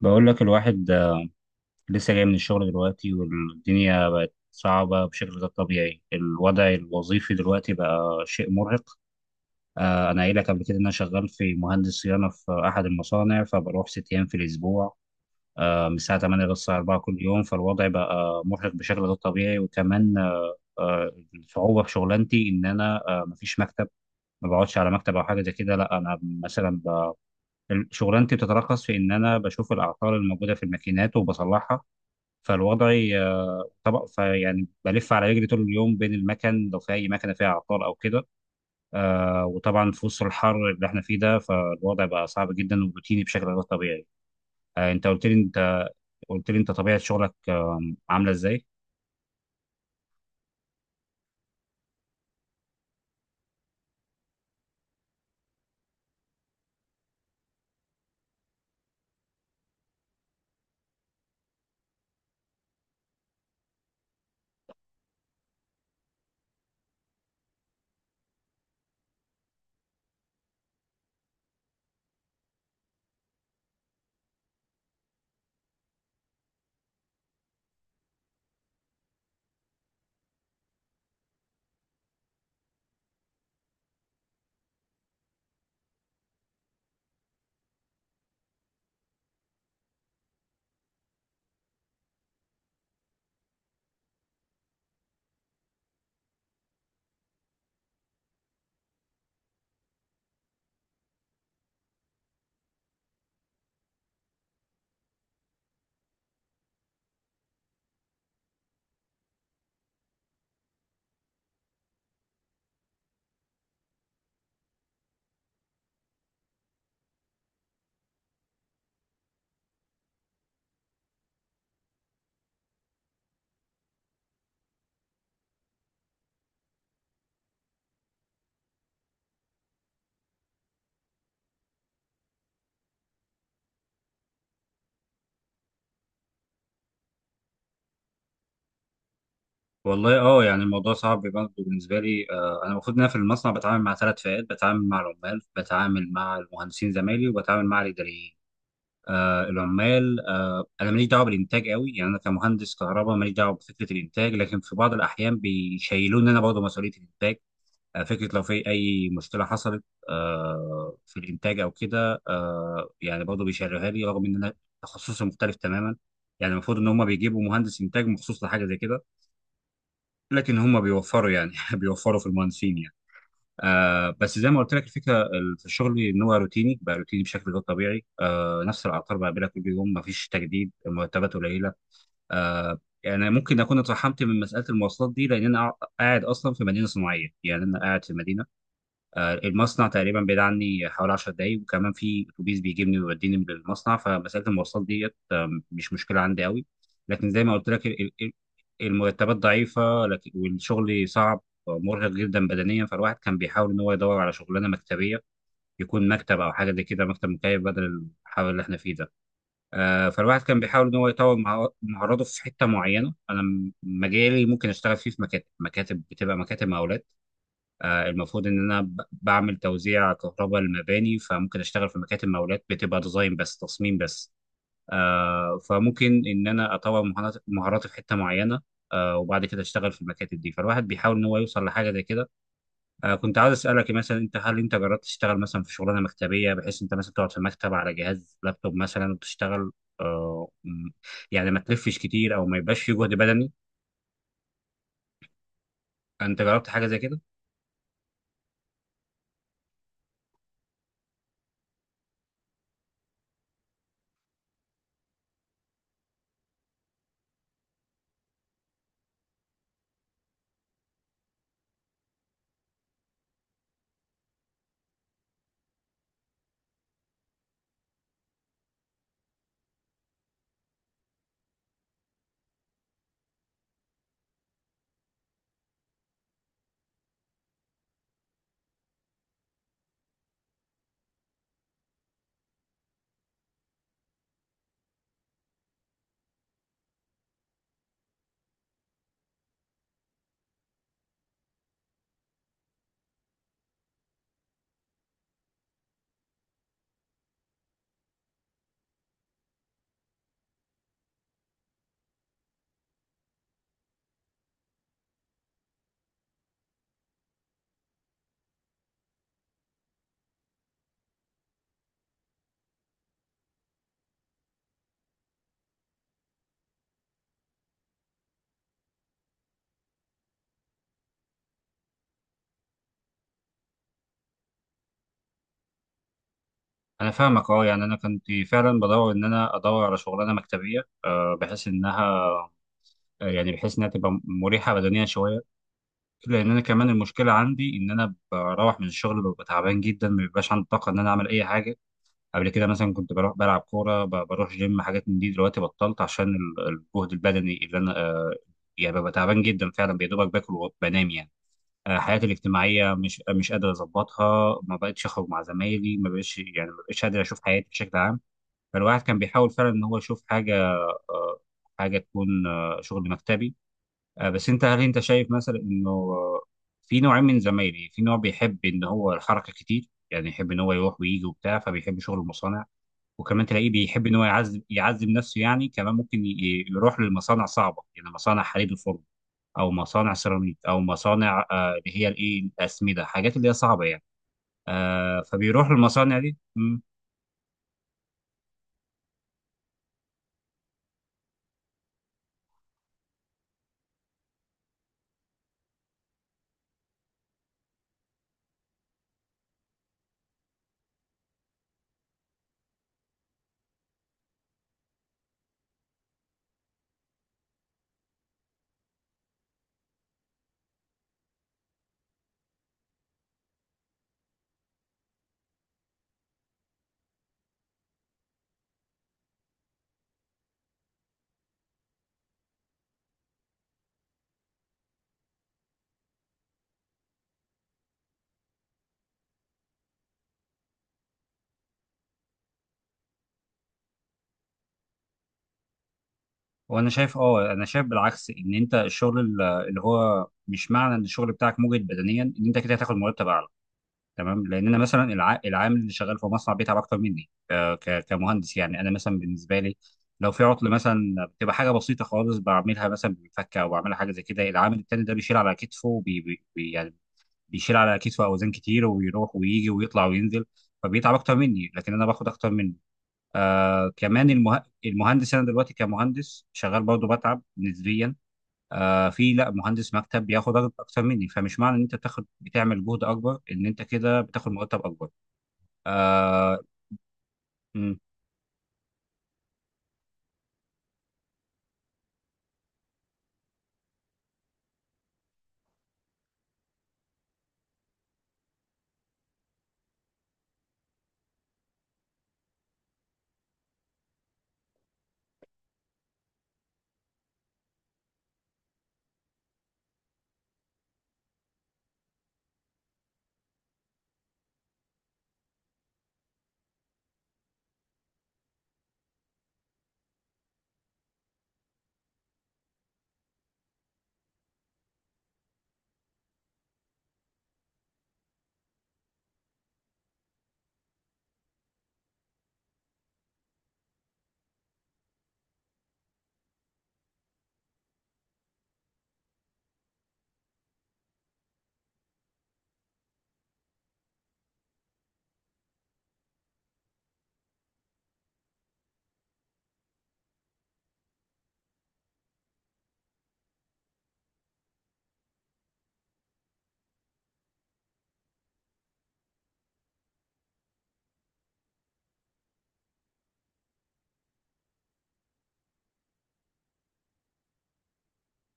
بقول لك الواحد، لسه جاي من الشغل دلوقتي، والدنيا بقت صعبة بشكل غير طبيعي. الوضع الوظيفي دلوقتي بقى شيء مرهق. أنا قايل لك قبل كده إن أنا شغال في مهندس صيانة في أحد المصانع، فبروح ست أيام في الأسبوع، من الساعة 8 للساعة 4 كل يوم. فالوضع بقى مرهق بشكل غير طبيعي، وكمان الصعوبة في شغلانتي إن أنا، مفيش مكتب. ما بقعدش على مكتب او حاجه زي كده، لا انا مثلا شغلانتي بتتركز في ان انا بشوف الاعطال الموجوده في الماكينات وبصلحها. فالوضع طبق فيعني بلف على رجلي طول اليوم بين المكن، لو في اي مكنه فيها عطال او كده. وطبعا في وسط الحر اللي احنا فيه ده، فالوضع بقى صعب جدا وروتيني بشكل غير طبيعي. انت قلت لي، انت طبيعه شغلك عامله ازاي؟ والله، يعني الموضوع صعب برضه بالنسبه لي. انا المفروض ان انا في المصنع بتعامل مع ثلاث فئات: بتعامل مع العمال، بتعامل مع المهندسين زمايلي، وبتعامل مع الاداريين. العمال، انا ماليش دعوه بالانتاج قوي، يعني انا كمهندس كهرباء ماليش دعوه بفكره الانتاج، لكن في بعض الاحيان بيشيلوني انا برضه مسؤوليه الانتاج. فكره لو في اي مشكله حصلت في الانتاج او كده، يعني برضه بيشيلوها لي، رغم ان انا تخصصي مختلف تماما. يعني المفروض ان هم بيجيبوا مهندس انتاج مخصوص لحاجه زي كده، لكن هم بيوفروا يعني بيوفروا في المهندسين يعني. بس زي ما قلت لك، الفكره في الشغل ان هو روتيني، بقى روتيني بشكل غير طبيعي. نفس الاعطال بقابلها كل يوم، مفيش تجديد، المرتبات قليله. يعني ممكن اكون اترحمت من مساله المواصلات دي، لان انا قاعد اصلا في مدينه صناعيه، يعني انا قاعد في مدينه. المصنع تقريبا بعيد عني حوالي 10 دقايق، وكمان في اتوبيس بيجيبني ويوديني للمصنع، فمساله المواصلات ديت مش مشكله عندي قوي. لكن زي ما قلت لك، المرتبات ضعيفه، لكن والشغل صعب، مرهق جدا بدنيا. فالواحد كان بيحاول ان هو يدور على شغلانه مكتبيه، يكون مكتب او حاجه زي كده، مكتب مكيف بدل الحر اللي احنا فيه ده. فالواحد كان بيحاول ان هو يطور مهاراته في حته معينه. انا مجالي ممكن اشتغل فيه في مكاتب، مكاتب بتبقى مكاتب مقاولات. المفروض ان انا بعمل توزيع كهرباء للمباني، فممكن اشتغل في مكاتب مقاولات بتبقى ديزاين بس، تصميم بس. فممكن ان انا اطور مهاراتي في حته معينه، وبعد كده اشتغل في المكاتب دي. فالواحد بيحاول ان هو يوصل لحاجه زي كده. كنت عاوز اسالك، مثلا انت، هل انت جربت تشتغل مثلا في شغلانه مكتبيه، بحيث انت مثلا تقعد في مكتب على جهاز لابتوب مثلا وتشتغل؟ آه، م- يعني ما تلفش كتير او ما يبقاش فيه جهد بدني. انت جربت حاجه زي كده؟ انا فاهمك. اه يعني انا كنت فعلا بدور ان انا ادور على شغلانه مكتبيه، بحيث انها، يعني بحيث انها تبقى مريحه بدنيا شويه. لان انا كمان، المشكله عندي ان انا بروح من الشغل ببقى تعبان جدا، ما بيبقاش عندي طاقه ان انا اعمل اي حاجه. قبل كده مثلا كنت بروح بلعب كوره، بروح جيم، حاجات من دي دلوقتي بطلت عشان الجهد البدني اللي انا، يعني ببقى تعبان جدا فعلا، يا دوبك باكل وبنام يعني. حياتي الاجتماعيه مش قادر اظبطها، ما بقتش اخرج مع زمايلي، ما بقتش قادر اشوف حياتي بشكل عام. فالواحد كان بيحاول فعلا ان هو يشوف حاجه، آه، حاجه تكون شغل مكتبي. بس انت، هل انت شايف مثلا انه، في نوعين من زمايلي: في نوع بيحب ان هو الحركه كتير، يعني يحب ان هو يروح ويجي وبتاع، فبيحب شغل المصانع. وكمان تلاقيه بيحب ان هو يعذب يعذب نفسه، يعني كمان ممكن يروح للمصانع صعبه، يعني مصانع حديد الفرن، او مصانع سيراميك، او مصانع اللي هي الايه، الاسمده، حاجات اللي هي صعبه يعني. فبيروح للمصانع دي. وانا شايف، انا شايف بالعكس، ان انت الشغل اللي هو مش معنى ان الشغل بتاعك مجهد بدنيا ان انت كده هتاخد مرتب اعلى. تمام. لان انا مثلا العامل اللي شغال في مصنع بيتعب اكتر مني، كمهندس. يعني انا مثلا بالنسبه لي، لو في عطل مثلا، بتبقى حاجه بسيطه خالص، بعملها مثلا بالفكه او بعملها حاجه زي كده. العامل التاني ده بيشيل على كتفه، وبي... بي... بي- يعني بيشيل على كتفه اوزان كتير، ويروح ويجي ويطلع وينزل، فبيتعب اكتر مني لكن انا باخد اكتر منه. كمان المهندس، انا دلوقتي كمهندس شغال برضه بتعب نسبيا. في، لا، مهندس مكتب بياخد راتب اكتر مني، فمش معنى ان انت بتاخد بتعمل جهد اكبر ان انت كده بتاخد مرتب اكبر. آه مم،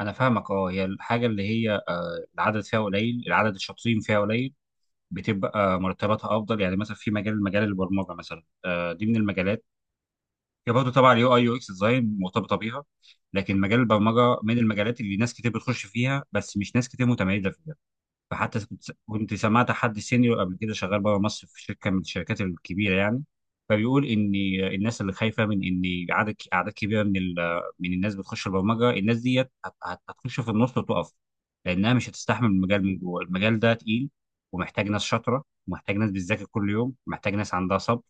انا فاهمك. اه هي الحاجه اللي هي العدد فيها قليل، العدد الشاطرين فيها قليل، بتبقى مرتباتها افضل. يعني مثلا في مجال البرمجه مثلا، دي من المجالات. هي برضه طبعا اليو اي يو اكس ديزاين مرتبطه بيها، لكن مجال البرمجه من المجالات اللي ناس كتير بتخش فيها، بس مش ناس كتير متميزه فيها. فحتى كنت سمعت حد سينيور قبل كده شغال بره مصر في شركه من الشركات الكبيره يعني، فبيقول ان الناس اللي خايفه من ان اعداد كبيره من من الناس بتخش البرمجه، الناس ديت هتخش في النص وتقف، لانها مش هتستحمل المجال. من جوه، المجال ده تقيل، ومحتاج ناس شاطره، ومحتاج ناس بتذاكر كل يوم، محتاج ناس عندها صبر.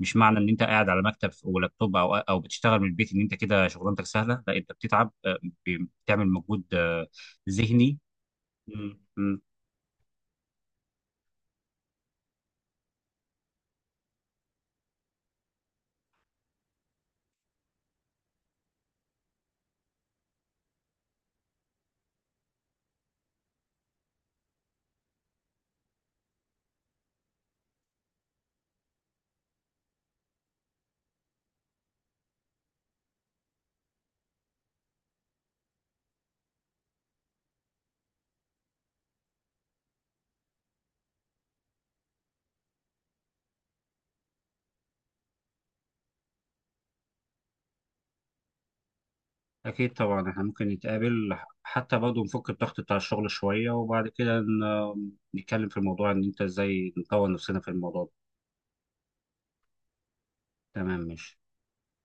مش معنى ان انت قاعد على مكتب ولابتوب او بتشتغل من البيت، ان انت كده شغلانتك سهله. لا، انت بتتعب، بتعمل مجهود ذهني. مم. أكيد طبعا، إحنا ممكن نتقابل، حتى برضه نفك الضغط بتاع الشغل شوية، وبعد كده نتكلم في الموضوع إن أنت إزاي نطور نفسنا في الموضوع ده. تمام، ماشي.